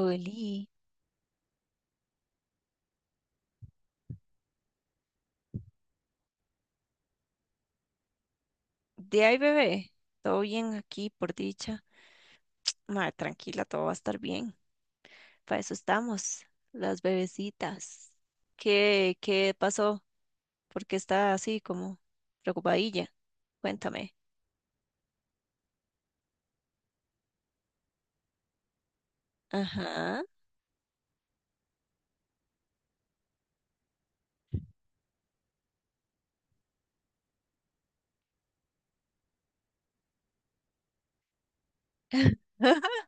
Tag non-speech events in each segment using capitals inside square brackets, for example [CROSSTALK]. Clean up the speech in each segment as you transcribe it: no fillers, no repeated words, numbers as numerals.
Oli, de ahí bebé, todo bien aquí por dicha. Ma, tranquila, todo va a estar bien. Para eso estamos, las bebecitas. ¿Qué pasó? ¿Por qué está así como preocupadilla? Cuéntame. Ajá. [LAUGHS]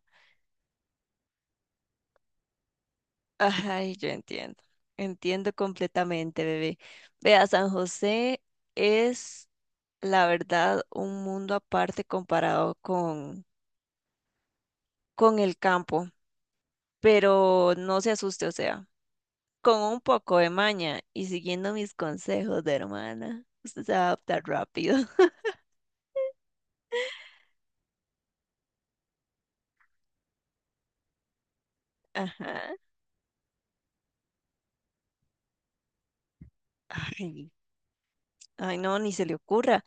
Ay, yo entiendo. Entiendo completamente, bebé. Vea, San José es, la verdad, un mundo aparte comparado con el campo. Pero no se asuste, o sea. Con un poco de maña y siguiendo mis consejos de hermana, usted se va a adaptar rápido. [LAUGHS] Ajá. Ay, ay, no, ni se le ocurra.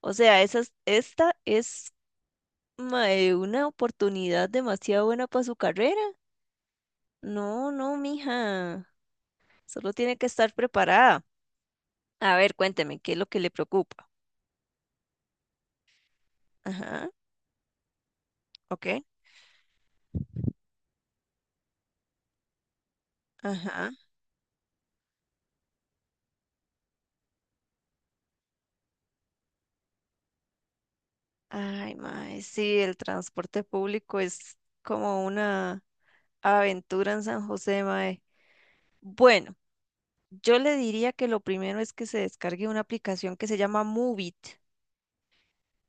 O sea, esta es mae, una oportunidad demasiado buena para su carrera. No, no, mija. Solo tiene que estar preparada. A ver, cuénteme, ¿qué es lo que le preocupa? Ajá, ok. Ajá. Ay, mae, sí, el transporte público es como una aventura en San José, mae. Bueno. Yo le diría que lo primero es que se descargue una aplicación que se llama Moovit.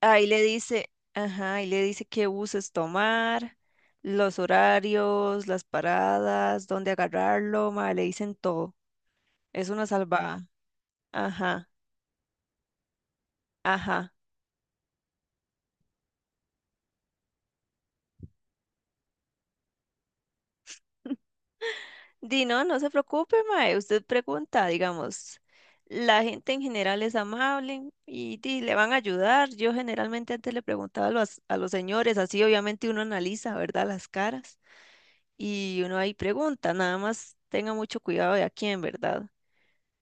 Ahí le dice, ajá, ahí le dice qué buses tomar, los horarios, las paradas, dónde agarrarlo, ma, le dicen todo. Es una salvada. Ajá, ajá. [LAUGHS] Di, no, no se preocupe, mae. Usted pregunta, digamos. La gente en general es amable y, di, le van a ayudar. Yo generalmente antes le preguntaba a los señores, así obviamente uno analiza, ¿verdad? Las caras. Y uno ahí pregunta, nada más tenga mucho cuidado de a quién, ¿verdad?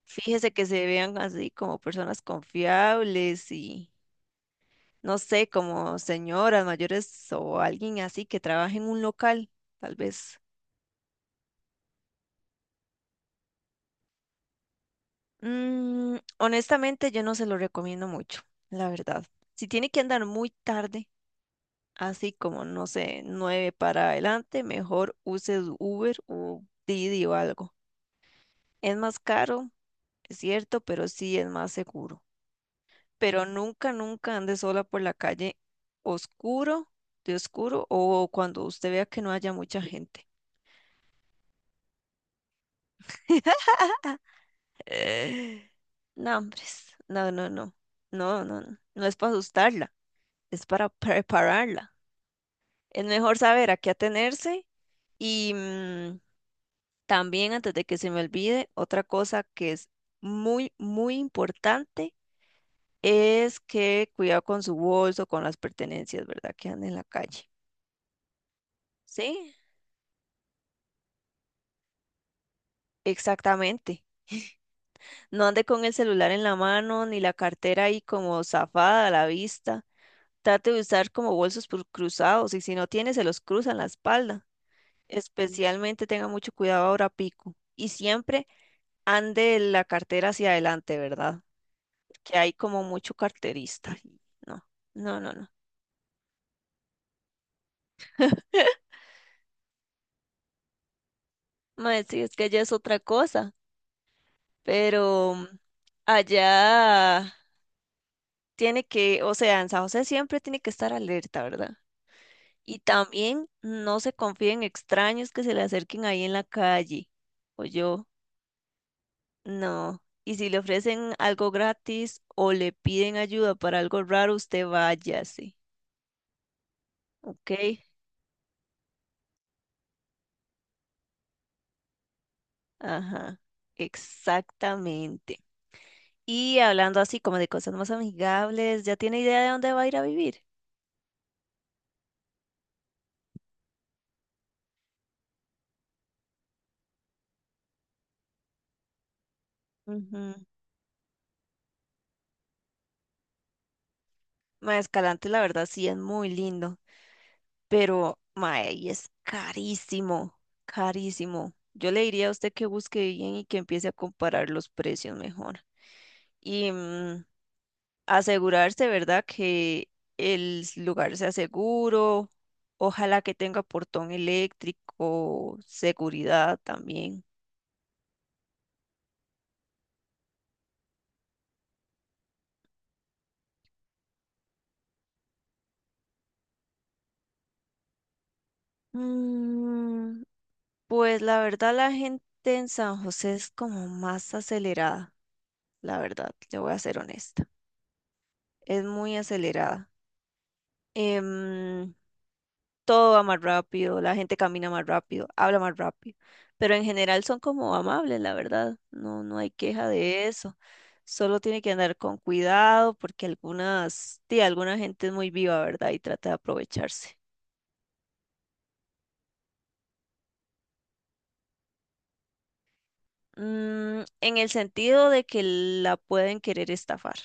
Fíjese que se vean así como personas confiables y no sé, como señoras mayores o alguien así que trabaje en un local, tal vez. Mm, honestamente, yo no se lo recomiendo mucho, la verdad. Si tiene que andar muy tarde, así como, no sé, nueve para adelante, mejor use Uber o Didi o algo. Es más caro, es cierto, pero sí es más seguro. Pero nunca, nunca ande sola por la calle oscuro, de oscuro, o cuando usted vea que no haya mucha gente. [LAUGHS] Eh, No, hombres, no, no, no, no, no, no, no es para asustarla, es para prepararla. Es mejor saber a qué atenerse y también antes de que se me olvide, otra cosa que es muy, muy importante es que cuidado con su bolso, con las pertenencias, ¿verdad? Que andan en la calle. ¿Sí? Exactamente. No ande con el celular en la mano ni la cartera ahí como zafada a la vista. Trate de usar como cruzados y si no tiene se los cruza en la espalda. Especialmente tenga mucho cuidado ahora pico. Y siempre ande la cartera hacia adelante, ¿verdad? Que hay como mucho carterista. Y No, no, no, no. [LAUGHS] Mae, sí, es que allá es otra cosa, pero allá tiene que, o sea, en San José siempre tiene que estar alerta, ¿verdad? Y también no se confíen en extraños que se le acerquen ahí en la calle. O yo, no. Y si le ofrecen algo gratis o le piden ayuda para algo raro, usted váyase. ¿Ok? Ajá. Exactamente. Y hablando así como de cosas más amigables, ¿ya tiene idea de dónde va a ir a vivir? Ujú. Ma, Escalante, la verdad, sí es muy lindo. Pero mae, y es carísimo, carísimo. Yo le diría a usted que busque bien y que empiece a comparar los precios mejor. Y asegurarse, ¿verdad? Que el lugar sea seguro, ojalá que tenga portón eléctrico, seguridad también. Mm, pues la verdad la gente en San José es como más acelerada, la verdad, le voy a ser honesta. Es muy acelerada. Em, Todo va más rápido, la gente camina más rápido, habla más rápido, pero en general son como amables, la verdad, no, no hay queja de eso. Solo tiene que andar con cuidado porque algunas, sí, alguna gente es muy viva, ¿verdad? Y trata de aprovecharse. Mm, en el sentido de que la pueden querer estafar,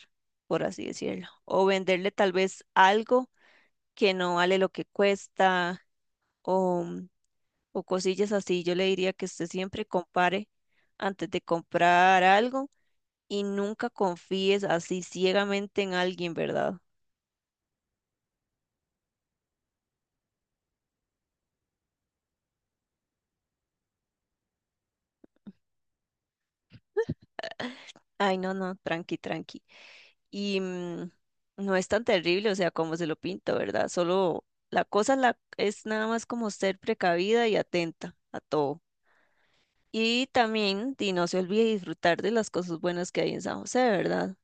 por así decirlo, o venderle tal vez algo que no vale lo que cuesta, o, o cosillas así. Yo le diría que usted siempre compare antes de comprar algo. Y nunca confíes así ciegamente en alguien, ¿verdad? Ay, no, no, tranqui, tranqui. Y no es tan terrible, o sea, como se lo pinta, ¿verdad? Solo es nada más como ser precavida y atenta a todo. Y también, y no se olvide disfrutar de las cosas buenas que hay en San José, ¿verdad?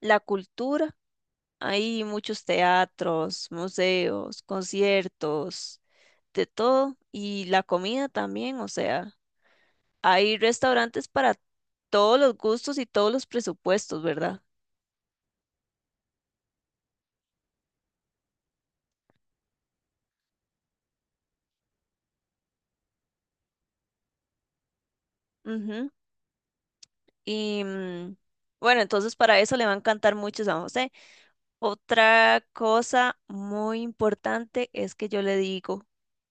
La cultura, hay muchos teatros, museos, conciertos, de todo. Y la comida también, o sea. Hay restaurantes para todos los gustos y todos los presupuestos, ¿verdad? Ujú. Y bueno, entonces para eso le va a encantar mucho San José. Otra cosa muy importante es que yo le digo,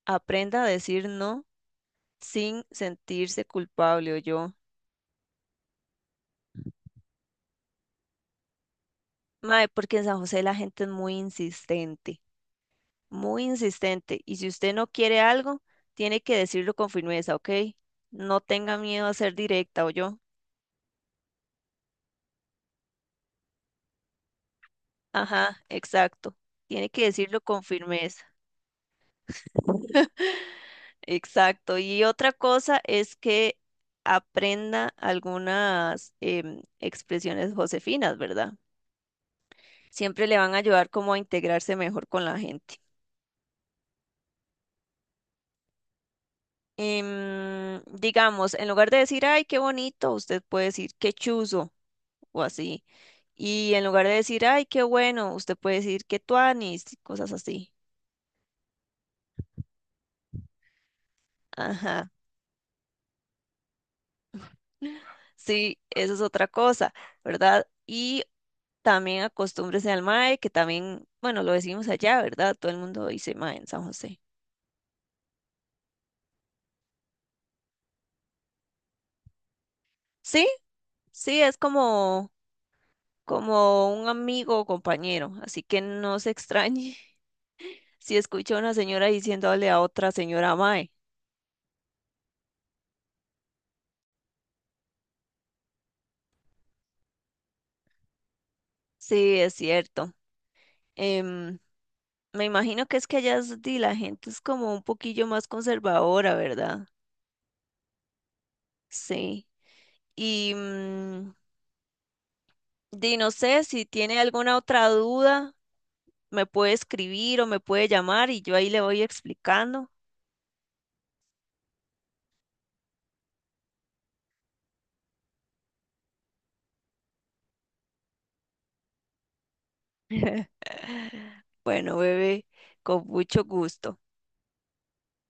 aprenda a decir no sin sentirse culpable o yo. Mae, porque en San José la gente es muy insistente, muy insistente. Y si usted no quiere algo, tiene que decirlo con firmeza, ¿ok? No tenga miedo a ser directa o yo. Ajá, exacto. Tiene que decirlo con firmeza. Exacto. Y otra cosa es que aprenda algunas expresiones josefinas, ¿verdad? Siempre le van a ayudar como a integrarse mejor con la gente. Digamos, en lugar de decir, ay, qué bonito, usted puede decir, qué chuzo o así. Y en lugar de decir, ay, qué bueno, usted puede decir, qué tuanis, cosas así. Ajá. Sí, eso es otra cosa, ¿verdad? Y también acostúmbrese al mae, que también, bueno, lo decimos allá, ¿verdad? Todo el mundo dice mae en San José. Sí, sí, es como, como un amigo o compañero, así que no se extrañe [LAUGHS] si escucha a una señora diciéndole a otra señora mae. Sí, es cierto. Em, Me imagino que es que di, la gente es como un poquillo más conservadora, ¿verdad? Sí. Y di, no sé si tiene alguna otra duda. Me puede escribir o me puede llamar y yo ahí le voy explicando. [LAUGHS] Bueno, bebé, con mucho gusto.